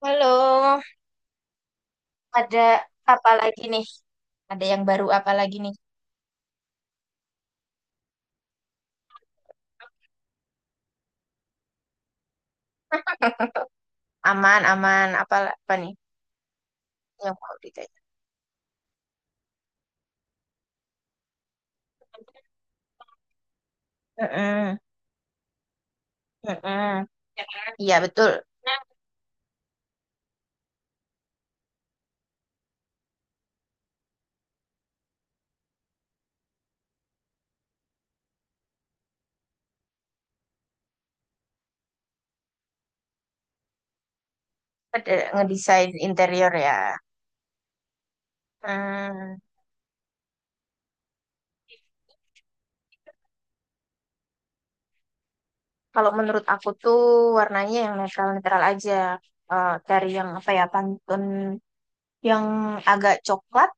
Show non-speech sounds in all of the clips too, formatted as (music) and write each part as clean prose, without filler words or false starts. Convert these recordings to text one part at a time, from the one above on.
Halo, ada apa lagi nih? Ada yang baru apa lagi nih? (laughs) Aman, aman. Apa nih yang mau ditanya? Mm-mm, mm-mm. Iya, betul. Ada ngedesain interior ya. Hmm, kalau menurut aku tuh warnanya yang netral-netral aja. Dari yang apa ya, pantun yang agak coklat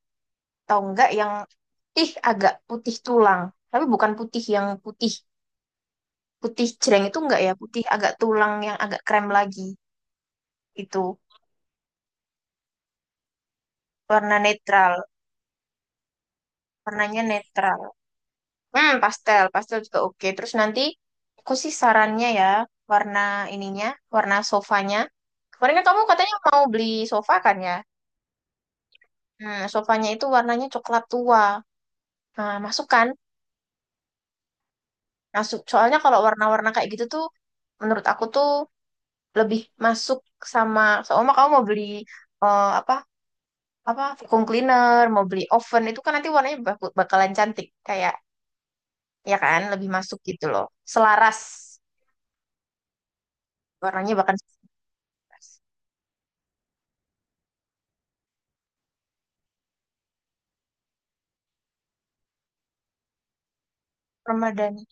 atau enggak yang putih, agak putih tulang. Tapi bukan putih yang putih. Putih jreng itu enggak ya, putih agak tulang yang agak krem lagi. Itu warna netral, warnanya netral. Hmm, pastel, pastel juga oke. Terus nanti aku sih sarannya ya, warna ininya, warna sofanya. Kemarin kan kamu katanya mau beli sofa kan ya? Hmm, sofanya itu warnanya coklat tua. Nah, masuk kan? Masuk. Soalnya kalau warna-warna kayak gitu tuh, menurut aku tuh lebih masuk sama, sama kamu mau beli apa apa vacuum cleaner, mau beli oven itu kan nanti warnanya bakalan cantik kayak, ya kan lebih masuk gitu loh. Selaras warnanya bahkan selaras. Permadani.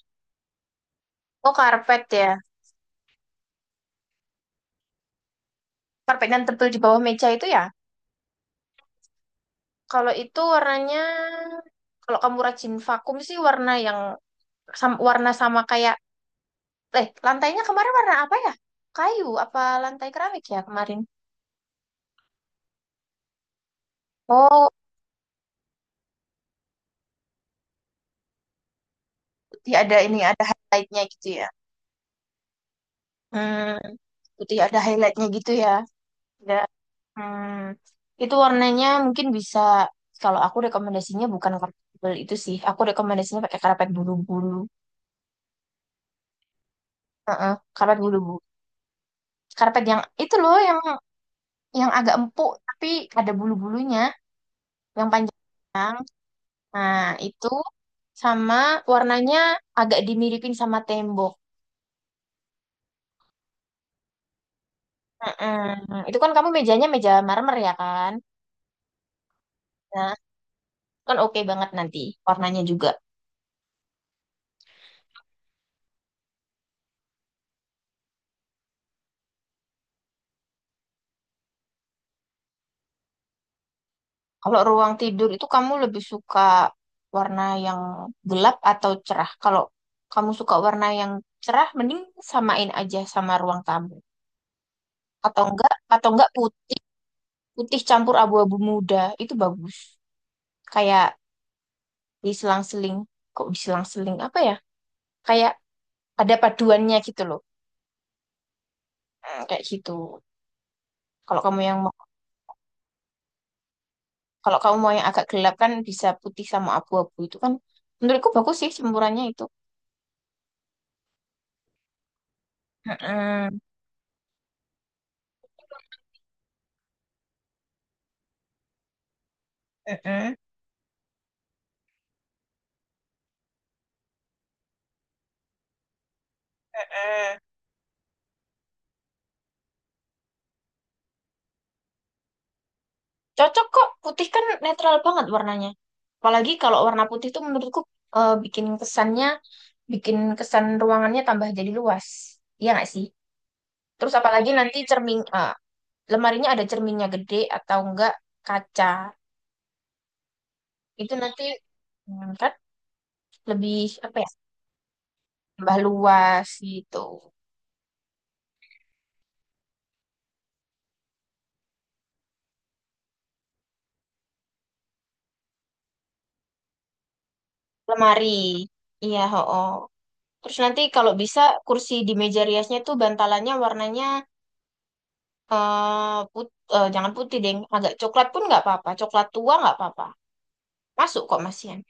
Oh, karpet ya. Karpet yang tebel di bawah meja itu ya. Kalau itu warnanya, kalau kamu rajin vakum sih warna yang warna sama kayak, lantainya kemarin warna apa ya? Kayu apa lantai keramik ya kemarin? Oh, putih ada ini ada highlightnya gitu ya. Hmm, putih ada highlightnya gitu ya. Nggak. Hmm, itu warnanya mungkin bisa, kalau aku rekomendasinya bukan karpet tebal itu sih. Aku rekomendasinya pakai karpet bulu-bulu. Heeh, karpet bulu-bulu. Karpet yang itu loh, yang agak empuk tapi ada bulu-bulunya, yang panjang. Nah, itu sama warnanya agak dimiripin sama tembok. Heeh. Itu kan kamu mejanya meja marmer ya kan? Nah, kan oke banget nanti warnanya juga. Kalau ruang tidur itu kamu lebih suka warna yang gelap atau cerah? Kalau kamu suka warna yang cerah, mending samain aja sama ruang tamu. Atau enggak putih, putih campur abu-abu muda itu bagus. Kayak diselang-seling, kok diselang-seling apa ya? Kayak ada paduannya gitu loh. Hmm, kayak gitu. Kalau kamu yang mau- Kalau kamu mau yang agak gelap kan bisa putih sama abu-abu itu kan menurutku bagus sih campurannya itu. Mm-mm. Mm-mm. Mm-mm. Cocok kok, putih kan netral banget warnanya. Apalagi kalau warna putih tuh menurutku bikin kesannya, bikin kesan ruangannya tambah jadi luas. Iya nggak sih? Terus apalagi nanti lemarinya ada cerminnya gede atau enggak kaca. Itu nanti hmm, kan lebih apa ya, tambah luas gitu. Lemari. Iya, ho. Terus nanti kalau bisa kursi di meja riasnya tuh bantalannya warnanya eh put, jangan putih deh, agak coklat pun nggak apa-apa. Coklat tua nggak apa-apa. Masuk kok masian.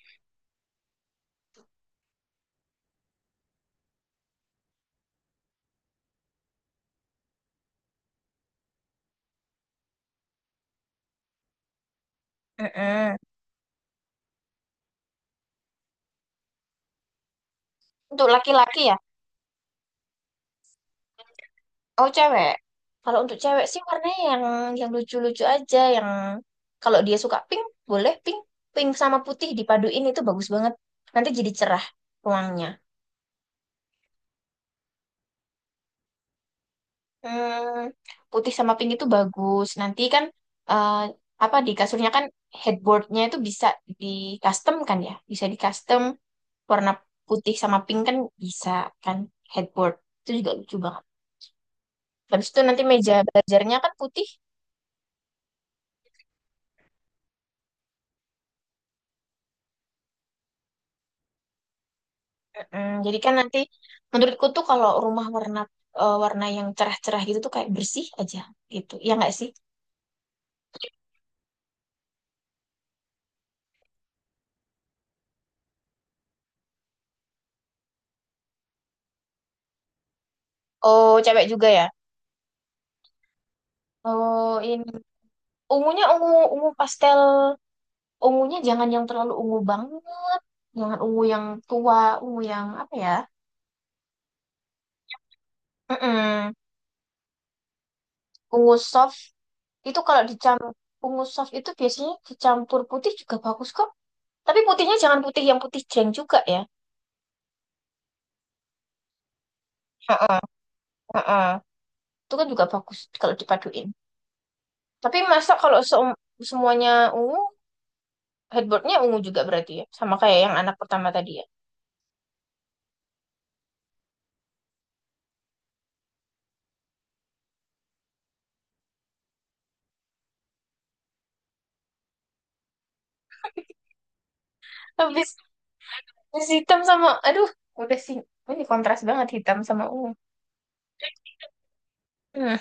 Heeh. Untuk laki-laki ya? Oh cewek. Kalau untuk cewek sih warnanya yang lucu-lucu aja. Yang kalau dia suka pink, boleh pink. Pink sama putih dipaduin itu bagus banget. Nanti jadi cerah ruangnya. Hmm, putih sama pink itu bagus. Nanti kan eh, apa di kasurnya kan headboardnya itu bisa di custom kan ya? Bisa di custom. Warna putih sama pink kan bisa, kan headboard itu juga lucu banget. Habis itu nanti meja belajarnya kan putih. Mm-mm. Jadi kan nanti menurutku tuh kalau rumah warna warna yang cerah-cerah gitu tuh kayak bersih aja gitu ya nggak sih. Oh cewek juga ya. Oh, ini ungunya ungu ungu pastel. Ungunya jangan yang terlalu ungu banget, jangan ungu yang tua, ungu yang apa ya. Mm-mm. Ungu soft. Itu kalau dicampur ungu soft itu biasanya dicampur putih juga bagus kok. Tapi putihnya jangan putih yang putih jeng juga ya. Heeh, heeh. Itu kan juga bagus kalau dipaduin. Tapi masa kalau semuanya ungu, headboardnya ungu juga berarti ya. Sama kayak yang anak pertama tadi ya. Habis, habis hitam sama, aduh, udah sih. Ini kontras banget hitam sama ungu. Hmm.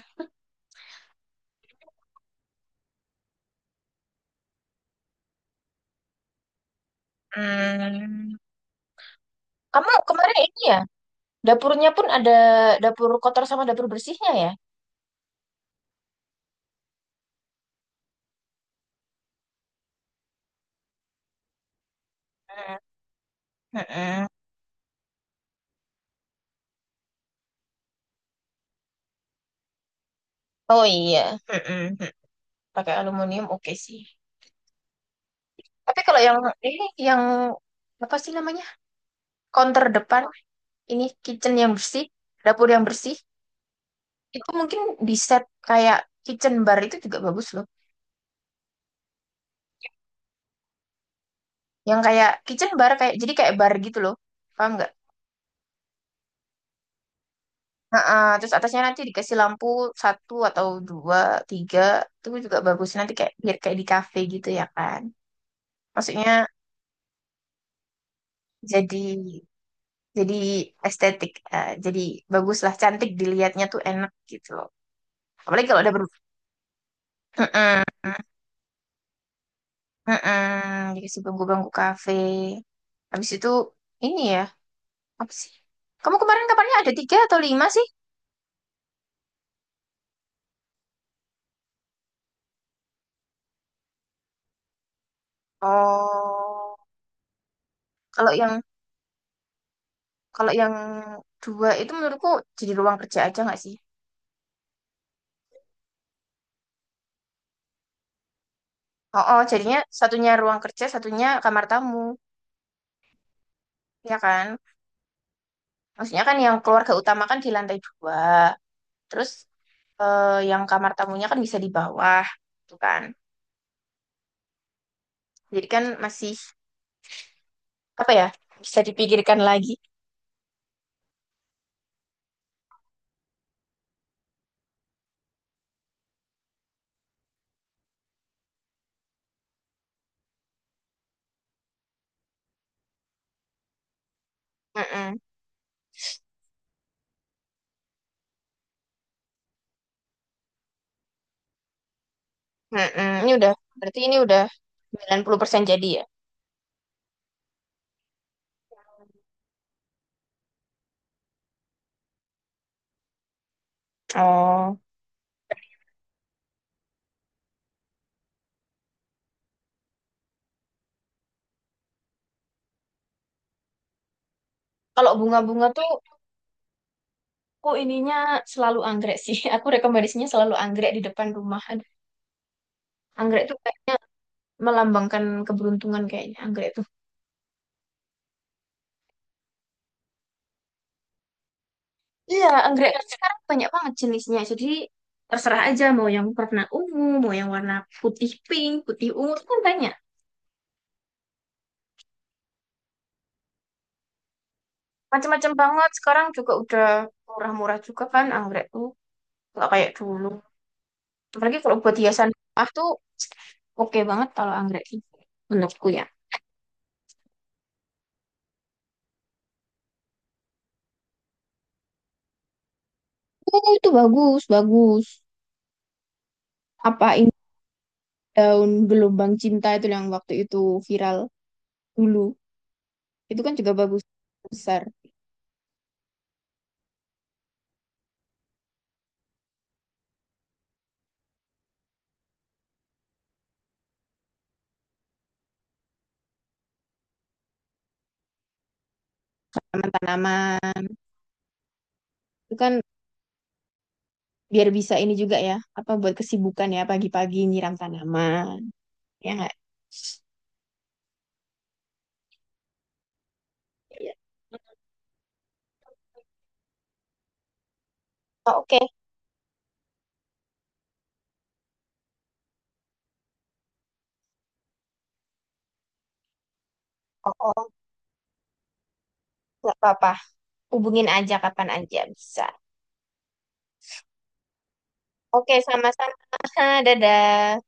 Hmm, kamu kemarin ini ya, dapurnya pun ada dapur kotor sama dapur bersihnya ya? Heeh. Oh iya. Heeh. Pakai aluminium oke sih tapi kalau yang ini yang apa sih namanya, counter depan ini kitchen yang bersih, dapur yang bersih, itu mungkin di set kayak kitchen bar itu juga bagus loh. Yang kayak kitchen bar kayak jadi kayak bar gitu loh, paham nggak. Heeh, terus atasnya nanti dikasih lampu satu atau dua tiga itu juga bagus nanti kayak biar kayak di kafe gitu ya kan. Maksudnya jadi jadi estetik, jadi baguslah, cantik dilihatnya tuh enak gitu loh apalagi kalau ada. Mm-mm, mm-mm. Dikasih bangku kafe. Habis itu ini ya, apa sih? Kamu kemarin kabarnya ada tiga atau lima sih? Oh, kalau yang kalau yang dua itu menurutku jadi ruang kerja aja nggak sih? Oh, oh, jadinya satunya ruang kerja, satunya kamar tamu, ya kan? Maksudnya kan yang keluarga utama kan di lantai dua, terus yang kamar tamunya kan bisa di bawah, tuh kan? Jadi kan masih apa ya? Bisa dipikirkan lagi. Mm-mm. Mm-mm, ini udah Berarti ini udah 90% jadi ya. Oh. Kalau bunga-bunga tuh aku ininya selalu anggrek sih. (laughs) Aku rekomendasinya selalu anggrek di depan rumah. Aduh, anggrek tuh kayaknya melambangkan keberuntungan kayaknya anggrek tuh. Iya, anggrek kan sekarang banyak banget jenisnya. Jadi terserah aja mau yang warna ungu, mau yang warna putih pink, putih ungu itu kan banyak. Macam-macam banget. Sekarang juga udah murah-murah juga kan anggrek tuh. Nggak kayak dulu. Apalagi kalau buat hiasan rumah tuh oke banget kalau anggrek itu menurutku ya. Oh, itu bagus, bagus. Apa ini daun gelombang cinta itu yang waktu itu viral dulu. Itu kan juga bagus besar. Tanaman-tanaman itu kan biar bisa ini juga ya, apa buat kesibukan ya pagi-pagi nyiram tanaman. Ya nggak? Iya. Oh, oke. Oh, oh, nggak apa-apa. Hubungin aja kapan aja bisa. Oke, sama-sama. (laughs) Dadah.